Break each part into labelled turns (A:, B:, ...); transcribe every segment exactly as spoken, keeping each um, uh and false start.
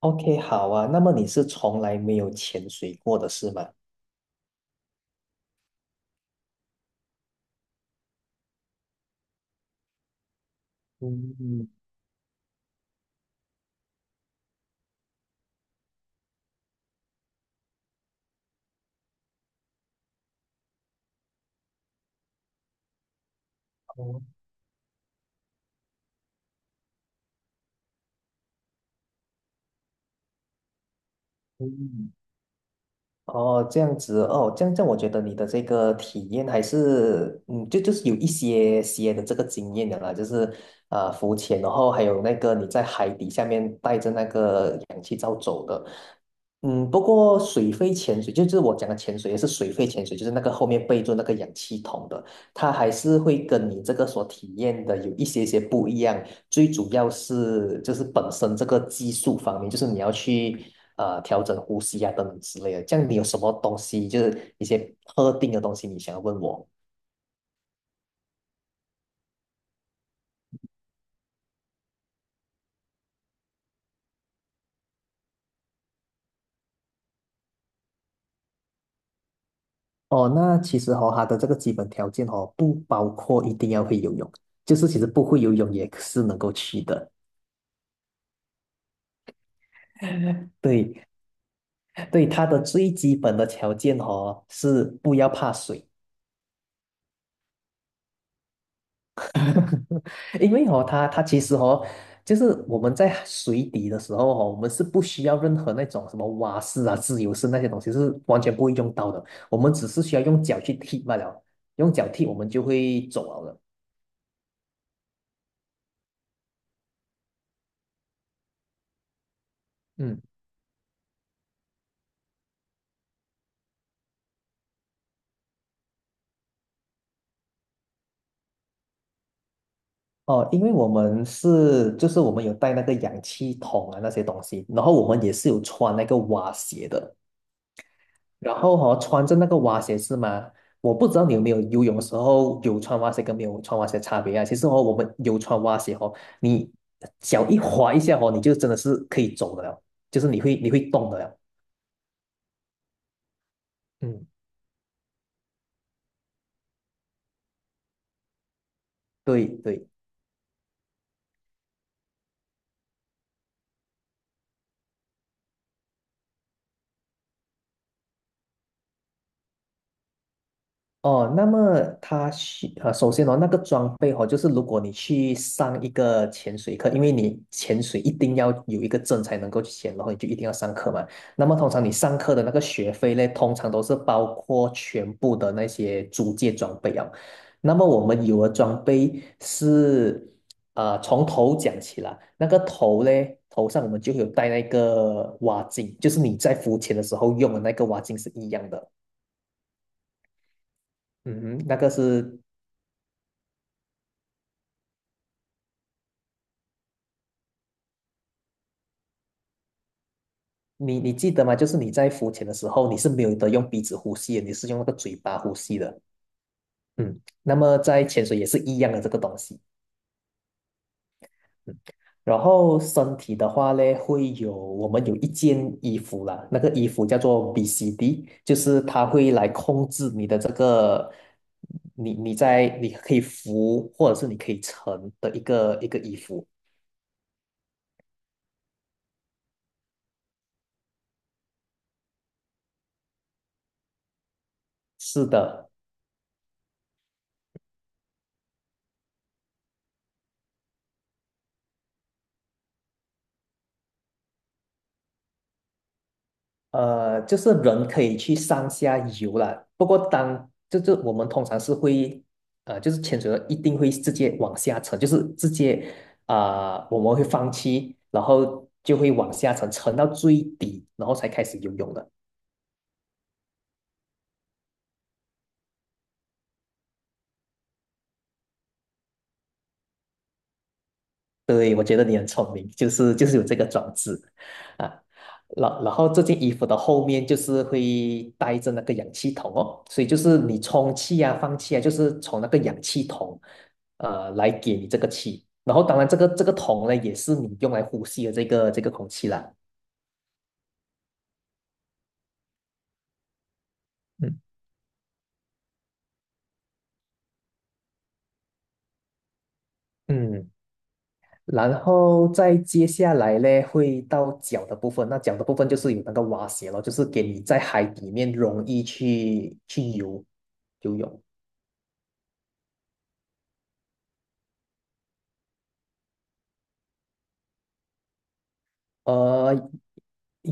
A: OK，好啊。那么你是从来没有潜水过的是吗？嗯，哦，嗯，哦，这样子哦，这样这样，我觉得你的这个体验还是，嗯，就就是有一些些的这个经验的啦，就是啊、呃浮潜，然后还有那个你在海底下面带着那个氧气罩走的，嗯，不过水肺潜水，就是我讲的潜水，也是水肺潜水，就是那个后面背着那个氧气筒的，它还是会跟你这个所体验的有一些些不一样，最主要是就是本身这个技术方面，就是你要去呃调整呼吸啊等等之类的。这样你有什么东西，就是一些特定的东西，你想要问我？哦，那其实哦，它的这个基本条件哦，不包括一定要会游泳，就是其实不会游泳也是能够去的。对对，它的最基本的条件哦，是不要怕水。因为哦，它它其实哦，就是我们在水底的时候哦，我们是不需要任何那种什么蛙式啊、自由式那些东西，是完全不会用到的。我们只是需要用脚去踢罢了，用脚踢我们就会走了的嗯，哦，因为我们是就是我们有带那个氧气筒啊那些东西，然后我们也是有穿那个蛙鞋的。然后哈、穿着那个蛙鞋是吗？我不知道你有没有游泳的时候有穿蛙鞋跟没有穿蛙鞋的差别啊。其实哦，我们有穿蛙鞋哦，你脚一滑一下哦，你就真的是可以走的了，就是你会你会动的了。嗯，对对，哦，那么他需呃，首先哦，那个装备哦，就是如果你去上一个潜水课，因为你潜水一定要有一个证才能够去潜，然后你就一定要上课嘛。那么通常你上课的那个学费呢，通常都是包括全部的那些租借装备啊。那么我们有的装备是，呃，从头讲起来，那个头呢，头上我们就有戴那个蛙镜，就是你在浮潜的时候用的那个蛙镜是一样的。嗯哼，那个是你你记得吗？就是你在浮潜的时候，你是没有得用鼻子呼吸的，你是用那个嘴巴呼吸的。嗯，那么在潜水也是一样的这个东西。嗯，然后身体的话呢，会有我们有一件衣服啦，那个衣服叫做 B C D，就是它会来控制你的这个，你你在你可以浮或者是你可以沉的一个一个衣服。是的，呃，就是人可以去上下游了，不过当就是我们通常是会，呃，就是潜水的一定会直接往下沉，就是直接啊、呃我们会放弃，然后就会往下沉，沉到最底，然后才开始游泳的。对，我觉得你很聪明，就是就是有这个装置啊。然然后这件衣服的后面就是会带着那个氧气筒哦，所以就是你充气啊、放气啊，就是从那个氧气筒呃来给你这个气。然后当然这个这个桶呢，也是你用来呼吸的这个这个空气啦。嗯嗯，然后再接下来呢，会到脚的部分。那脚的部分就是有那个蛙鞋咯，就是给你在海里面容易去去游游泳。呃，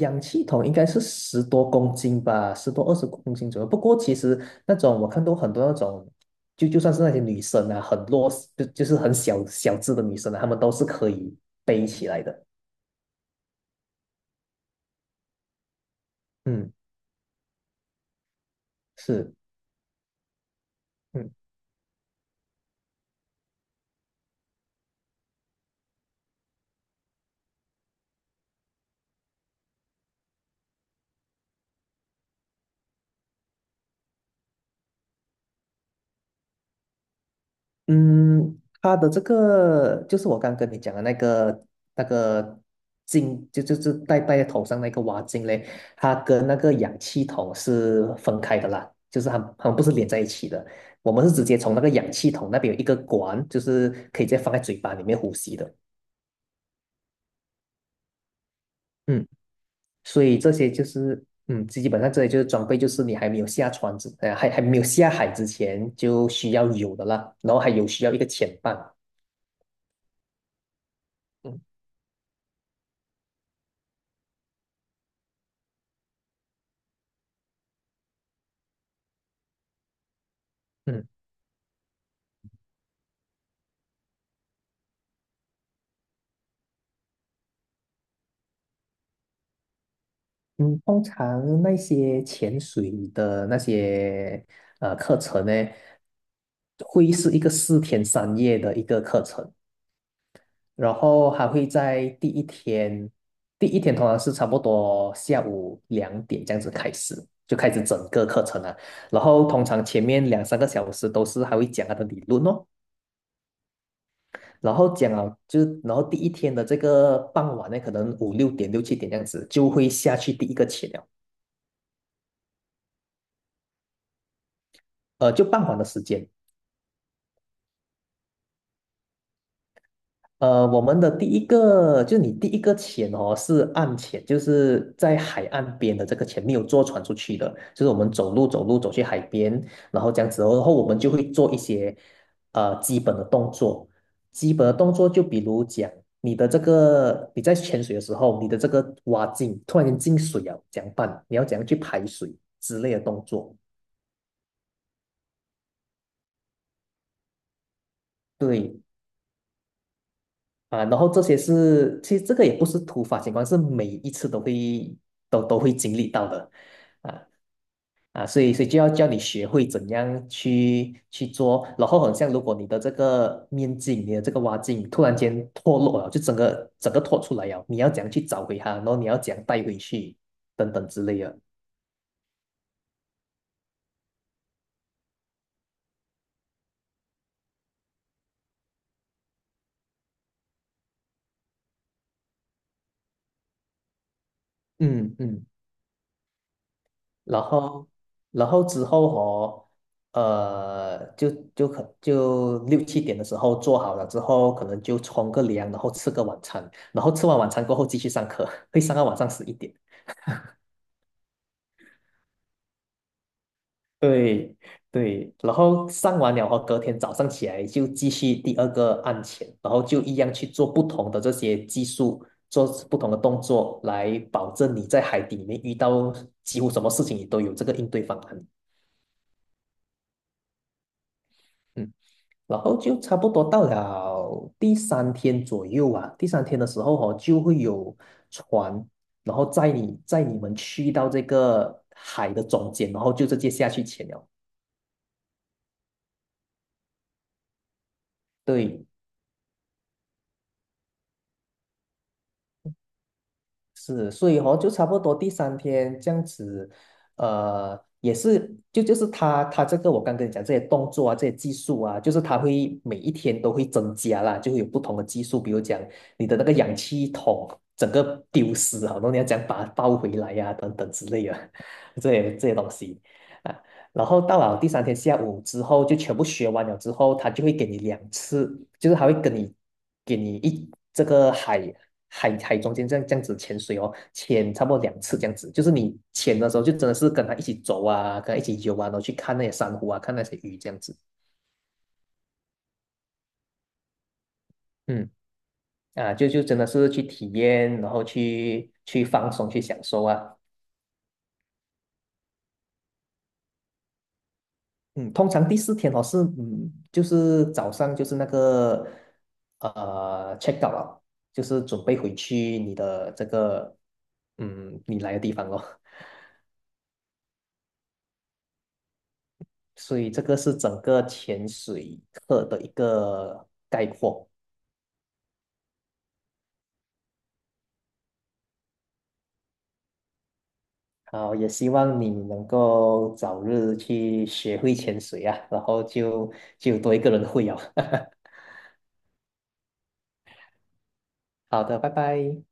A: 氧气筒应该是十多公斤吧，十多二十公斤左右。不过其实那种我看到很多那种，就就算是那些女生啊，很弱势，就就是很小小只的女生啊，她们都是可以背起来的。嗯，是，嗯。嗯，它的这个就是我刚跟你讲的那个那个镜，就就是戴戴在头上那个蛙镜嘞，它跟那个氧气筒是分开的啦，就是它它们不是连在一起的。我们是直接从那个氧气筒那边有一个管，就是可以直接放在嘴巴里面呼吸的。嗯，所以这些就是嗯，基本上这些就是装备，就是你还没有下船之，呃，还还没有下海之前就需要有的啦，然后还有需要一个潜伴。嗯。嗯嗯，通常那些潜水的那些呃课程呢，会是一个四天三夜的一个课程，然后还会在第一天，第一天通常是差不多下午两点这样子开始，就开始整个课程了。然后通常前面两三个小时都是还会讲他的理论哦，然后讲了就是然后第一天的这个傍晚呢，可能五六点六七点这样子就会下去第一个潜了，呃，就傍晚的时间。呃，我们的第一个，就是你第一个潜哦，是岸潜，就是在海岸边的这个潜，没有坐船出去的，就是我们走路走路走去海边，然后这样子哦，然后我们就会做一些呃基本的动作，基本的动作就比如讲你的这个你在潜水的时候，你的这个蛙镜突然间进水啊，怎样办？你要怎样去排水之类的动作？对，啊，然后这些是，其实这个也不是突发情况，是每一次都会都都会经历到的，啊啊，所以所以就要叫你学会怎样去去做，然后很像如果你的这个面镜，你的这个挖镜突然间脱落了，就整个整个脱出来了，你要怎样去找回它，然后你要怎样带回去，等等之类的。嗯嗯。然后，然后之后哦，呃，就就可就六七点的时候做好了之后，可能就冲个凉，然后吃个晚餐，然后吃完晚餐过后继续上课，会上到晚上十一点。对对，然后上完了后，隔天早上起来就继续第二个案前，然后就一样去做不同的这些技术，做不同的动作，来保证你在海底里面遇到几乎什么事情，你都有这个应对方案。嗯然后就差不多到了第三天左右啊，第三天的时候哦，就会有船，然后载你载你们去到这个海的中间，然后就直接下去潜了。对，是，所以哦，就差不多第三天这样子，呃，也是就就是他他这个我刚跟你讲这些动作啊，这些技术啊，就是他会每一天都会增加啦，就会有不同的技术，比如讲你的那个氧气筒整个丢失啊，好多你要讲把它抱回来呀、等等之类的 这些这些东西。啊然后到了第三天下午之后，就全部学完了之后，他就会给你两次，就是他会跟你给你一这个海海海中间这样这样子潜水哦，潜差不多两次这样子，就是你潜的时候就真的是跟他一起走啊，跟他一起游啊，然后去看那些珊瑚啊，看那些鱼这样子，嗯啊，就就真的是去体验，然后去去放松，去享受啊。嗯，通常第四天哦是嗯，就是早上就是那个呃 check out 了，就是准备回去你的这个嗯你来的地方咯。所以这个是整个潜水课的一个概括。好，也希望你能够早日去学会潜水啊，然后就就多一个人会啊。好的，拜拜。